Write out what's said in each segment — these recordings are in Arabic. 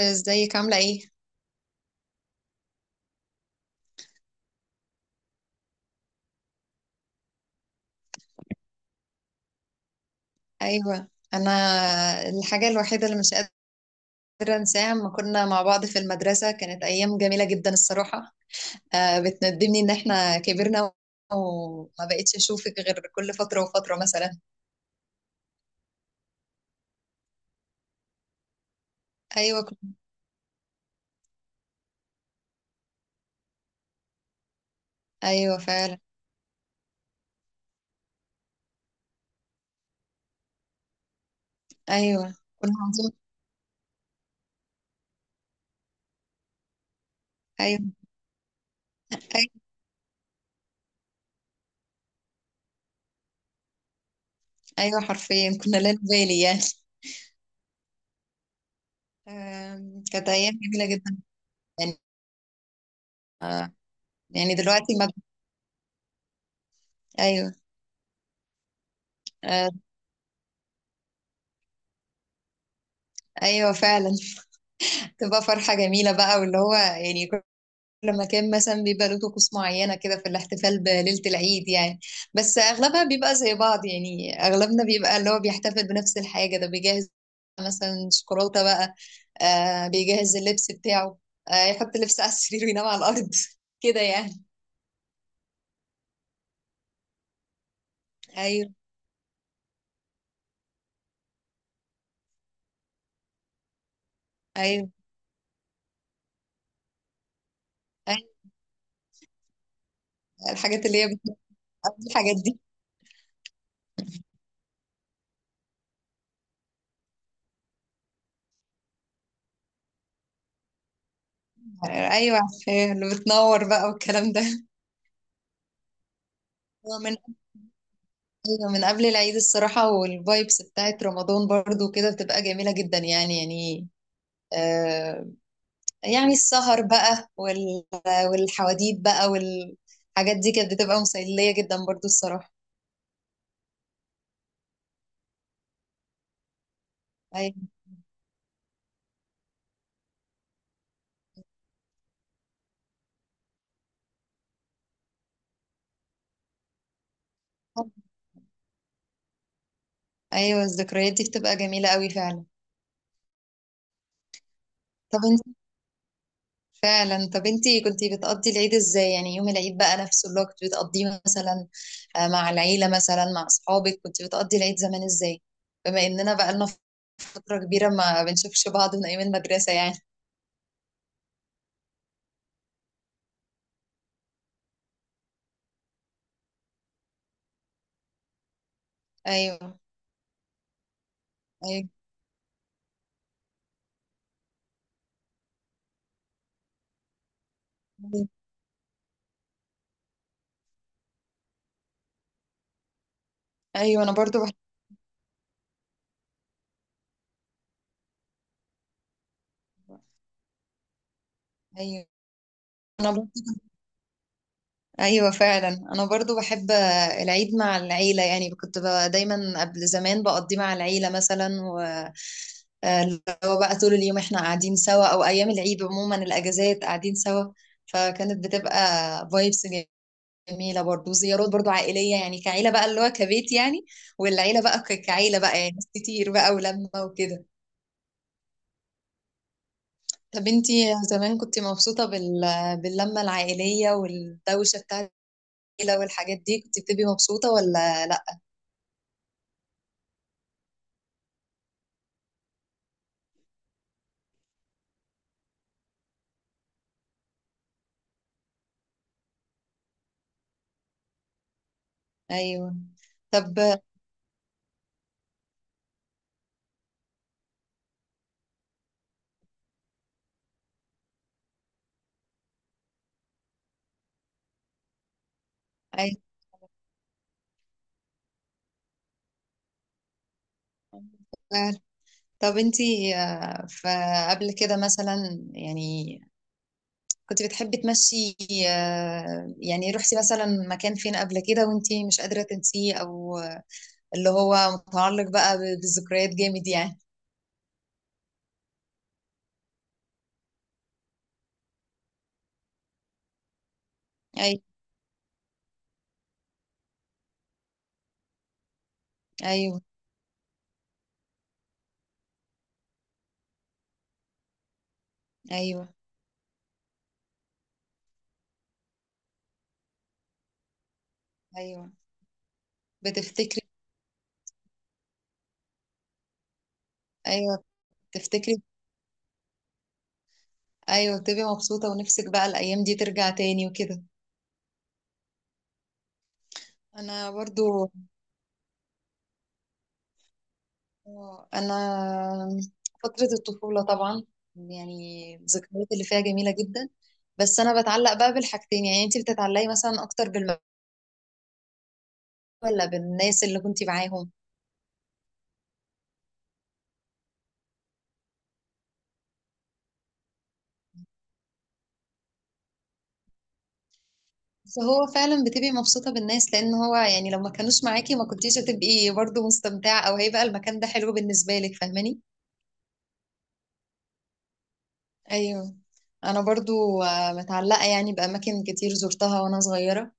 ازيك عاملة ايه؟ ايوه، انا الحاجة الوحيدة اللي مش قادرة انساها لما كنا مع بعض في المدرسة كانت ايام جميلة جدا الصراحة. آه، بتندمني ان احنا كبرنا وما بقتش اشوفك غير كل فترة وفترة مثلا. ايوه كنا. ايوه فعلا. ايوه كنا عظيم. ايوه. ايوه. ايوه حرفيا كنا لا نبالي يعني. كانت ايام جميلة جدا يعني. آه. يعني دلوقتي ما... ايوه. آه. ايوه فعلا. تبقى فرحة جميلة بقى واللي هو يعني لما كان مثلا بيبقى له طقوس معينة كده في الاحتفال بليلة العيد يعني. بس أغلبها بيبقى زي بعض، يعني أغلبنا بيبقى اللي هو بيحتفل بنفس الحاجة، ده بيجهز مثلا شوكولاتة بقى، آه بيجهز اللبس بتاعه، آه يحط اللبس على السرير وينام على الأرض كده يعني. أيوه. أيوه. أيوه الحاجات اللي هي بتبقى قبل الحاجات دي. أيوه. أيوه، اللي بتنور بقى والكلام ده. هو من أيوة، من قبل العيد الصراحة، والفايبس بتاعت رمضان برضو كده بتبقى جميلة جدا يعني يعني. آه، يعني السهر بقى والحواديت بقى والحاجات دي كانت بتبقى مسلية جدا برضو الصراحة. أيوة. أيوة الذكريات دي بتبقى جميلة قوي فعلا. طب انت فعلا، طب انت كنتي بتقضي العيد ازاي يعني؟ يوم العيد بقى نفسه اللي هو كنت بتقضيه مثلا، مع العيلة مثلا، مع أصحابك، كنت بتقضي العيد زمان ازاي؟ بما إننا بقى لنا فترة كبيرة ما بنشوفش بعض من أيام المدرسة يعني. أيوة. أيوة. أيوة أنا برضو بحب. أيوة. أنا برضو ايوه فعلا، انا برضو بحب العيد مع العيله يعني، كنت دايما قبل زمان بقضيه مع العيله مثلا، و اللي هو بقى طول اليوم احنا قاعدين سوا، او ايام العيد عموما الاجازات قاعدين سوا. فكانت بتبقى فايبس جميله، برضو زيارات برضو عائليه يعني، كعيله بقى اللي هو كبيت يعني، والعيله بقى كعيله بقى يعني ناس كتير بقى ولمه وكده. طب انتي زمان كنت مبسوطه باللمه العائليه والدوشه بتاعت العيله والحاجات دي، كنت بتبقي مبسوطه ولا لا؟ ايوه. طب ايوه فعلا. طب انتي فقبل كده مثلا يعني كنت بتحبي تمشي، يعني رحتي مثلا مكان فين قبل كده وانتي مش قادرة تنسيه، او اللي هو متعلق بقى بالذكريات جامد يعني؟ ايوه. ايوه. ايوه. ايوه بتفتكري. ايوه بتفتكري. ايوه بتبقي مبسوطة ونفسك بقى الايام دي ترجع تاني وكده. انا برضو انا فترة الطفولة طبعا، يعني الذكريات اللي فيها جميلة جدا. بس انا بتعلق بقى بالحاجتين، يعني انت بتتعلقي مثلا اكتر بالمكان ولا بالناس اللي كنتي معاهم؟ بس هو فعلا بتبقي مبسوطة بالناس، لان هو يعني لو ما كانوش معاكي ما كنتيش هتبقي برضو مستمتعة، او هيبقى المكان ده حلو بالنسبة لك، فاهماني. ايوه. انا برضو متعلقة يعني باماكن كتير زرتها وانا صغيرة،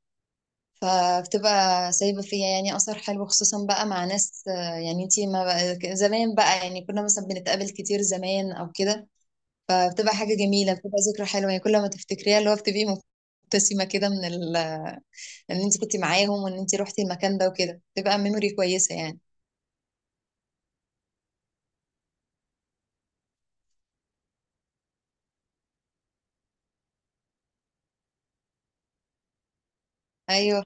فبتبقى سايبة فيا يعني أثر حلو، خصوصا بقى مع ناس، يعني انتي ما بقى زمان بقى يعني كنا مثلا بنتقابل كتير زمان أو كده، فبتبقى حاجة جميلة، بتبقى ذكرى حلوة يعني كل ما تفتكريها اللي هو بتبقي مبتسمة كده إن انتي كنتي معاهم وإن انتي روحتي المكان ده وكده، بتبقى ميموري كويسة يعني. أيوه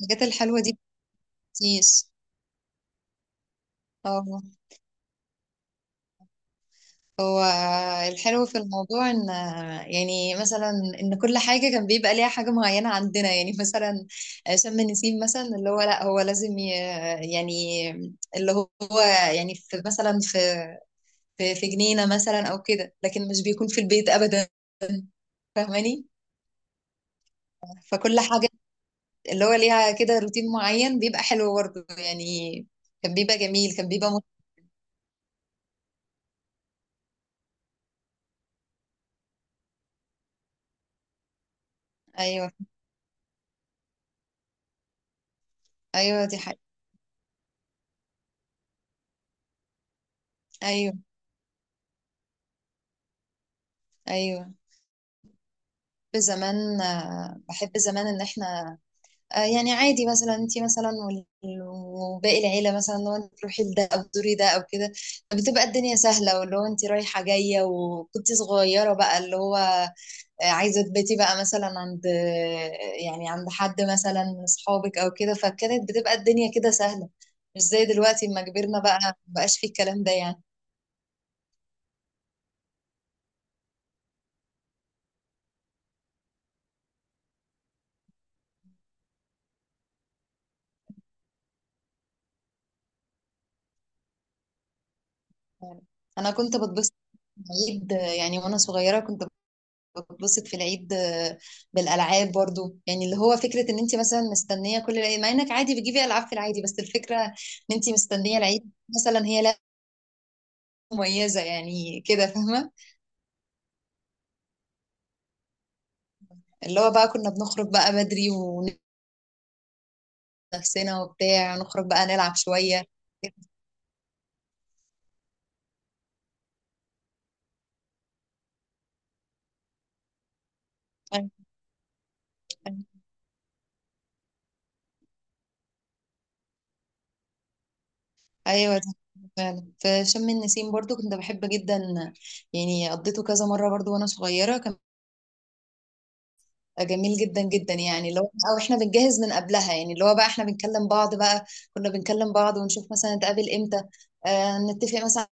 الحاجات الحلوة دي مبتنسيش. اه. هو الحلو في الموضوع ان يعني مثلا ان كل حاجه كان بيبقى ليها حاجه معينه عندنا، يعني مثلا شم النسيم مثلا اللي هو لا، هو لازم يعني اللي هو يعني في مثلا في جنينه مثلا او كده، لكن مش بيكون في البيت ابدا، فاهماني. فكل حاجه اللي هو ليها كده روتين معين، بيبقى حلو برضه يعني، كان بيبقى جميل، كان بيبقى ايوه. ايوه دي حاجه. ايوه. ايوه بحب زمان، بحب زمان ان احنا يعني عادي، مثلا انت مثلا وباقي العيله مثلا، لو انت تروحي لده او تزوري ده او كده، بتبقى الدنيا سهله، واللي هو انت رايحه جايه، وكنت صغيره بقى اللي هو عايزه تباتي بقى مثلا عند يعني عند حد مثلا من اصحابك او كده، فكانت بتبقى الدنيا كده سهله، مش زي دلوقتي اما كبرنا بقى، مبقاش في الكلام ده يعني. انا كنت بتبسط في العيد، يعني وانا صغيره كنت بتبسط في العيد، بالالعاب برضو، يعني اللي هو فكره ان انت مثلا مستنيه كل العيد، مع انك عادي بتجيبي العاب في العادي، بس الفكره ان انت مستنيه العيد، مثلا هي لعبه مميزه يعني كده فاهمه. اللي هو بقى كنا بنخرج بقى بدري، ونفسنا وبتاع نخرج بقى نلعب شويه. ايوه ده فعلا، في شم النسيم برضو كنت بحب جدا، يعني قضيته كذا مره برضو وانا صغيره، كان جميل جدا جدا يعني، لو او احنا بنجهز من قبلها يعني اللي هو بقى احنا بنكلم بعض بقى، كنا بنكلم بعض ونشوف مثلا نتقابل امتى، آه نتفق مثلا.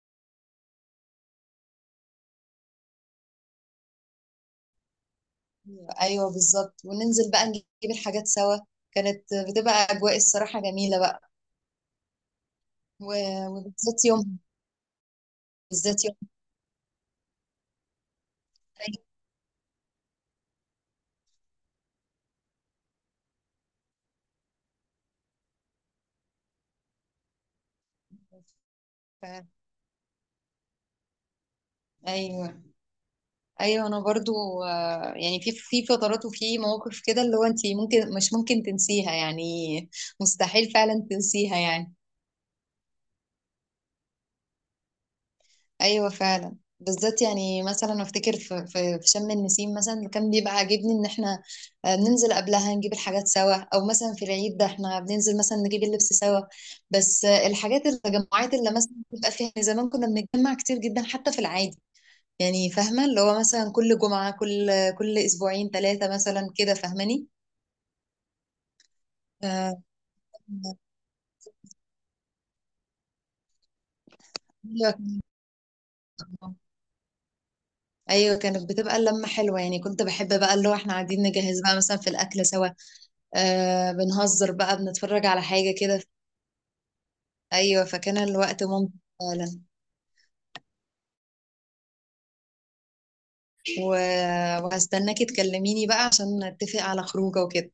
ايوه بالظبط، وننزل بقى نجيب الحاجات سوا، كانت بتبقى اجواء الصراحه جميله بقى وبالذات يوم، بالذات يوم ف- ايوه. ايوه انا برضو، يعني في في فترات وفي مواقف كده اللي هو انت ممكن، مش ممكن تنسيها يعني، مستحيل فعلا تنسيها يعني. ايوه فعلا، بالذات يعني مثلا افتكر في شم النسيم مثلا، اللي كان بيبقى عاجبني ان احنا بننزل قبلها نجيب الحاجات سوا، او مثلا في العيد ده احنا بننزل مثلا نجيب اللبس سوا. بس الحاجات، التجمعات اللي مثلا بيبقى فيها يعني، زمان كنا بنتجمع كتير جدا حتى في العادي يعني، فاهمه اللي هو مثلا كل جمعه، كل اسبوعين ثلاثه مثلا كده، فاهماني. آه، ايوه كانت بتبقى اللمه حلوه يعني، كنت بحب بقى اللي هو احنا قاعدين نجهز بقى مثلا في الاكل سوا، آه بنهزر بقى، بنتفرج على حاجة كده. أيوة فكان الوقت ممتع فعلا، و... وهستناكي تكلميني بقى عشان نتفق على خروجه وكده.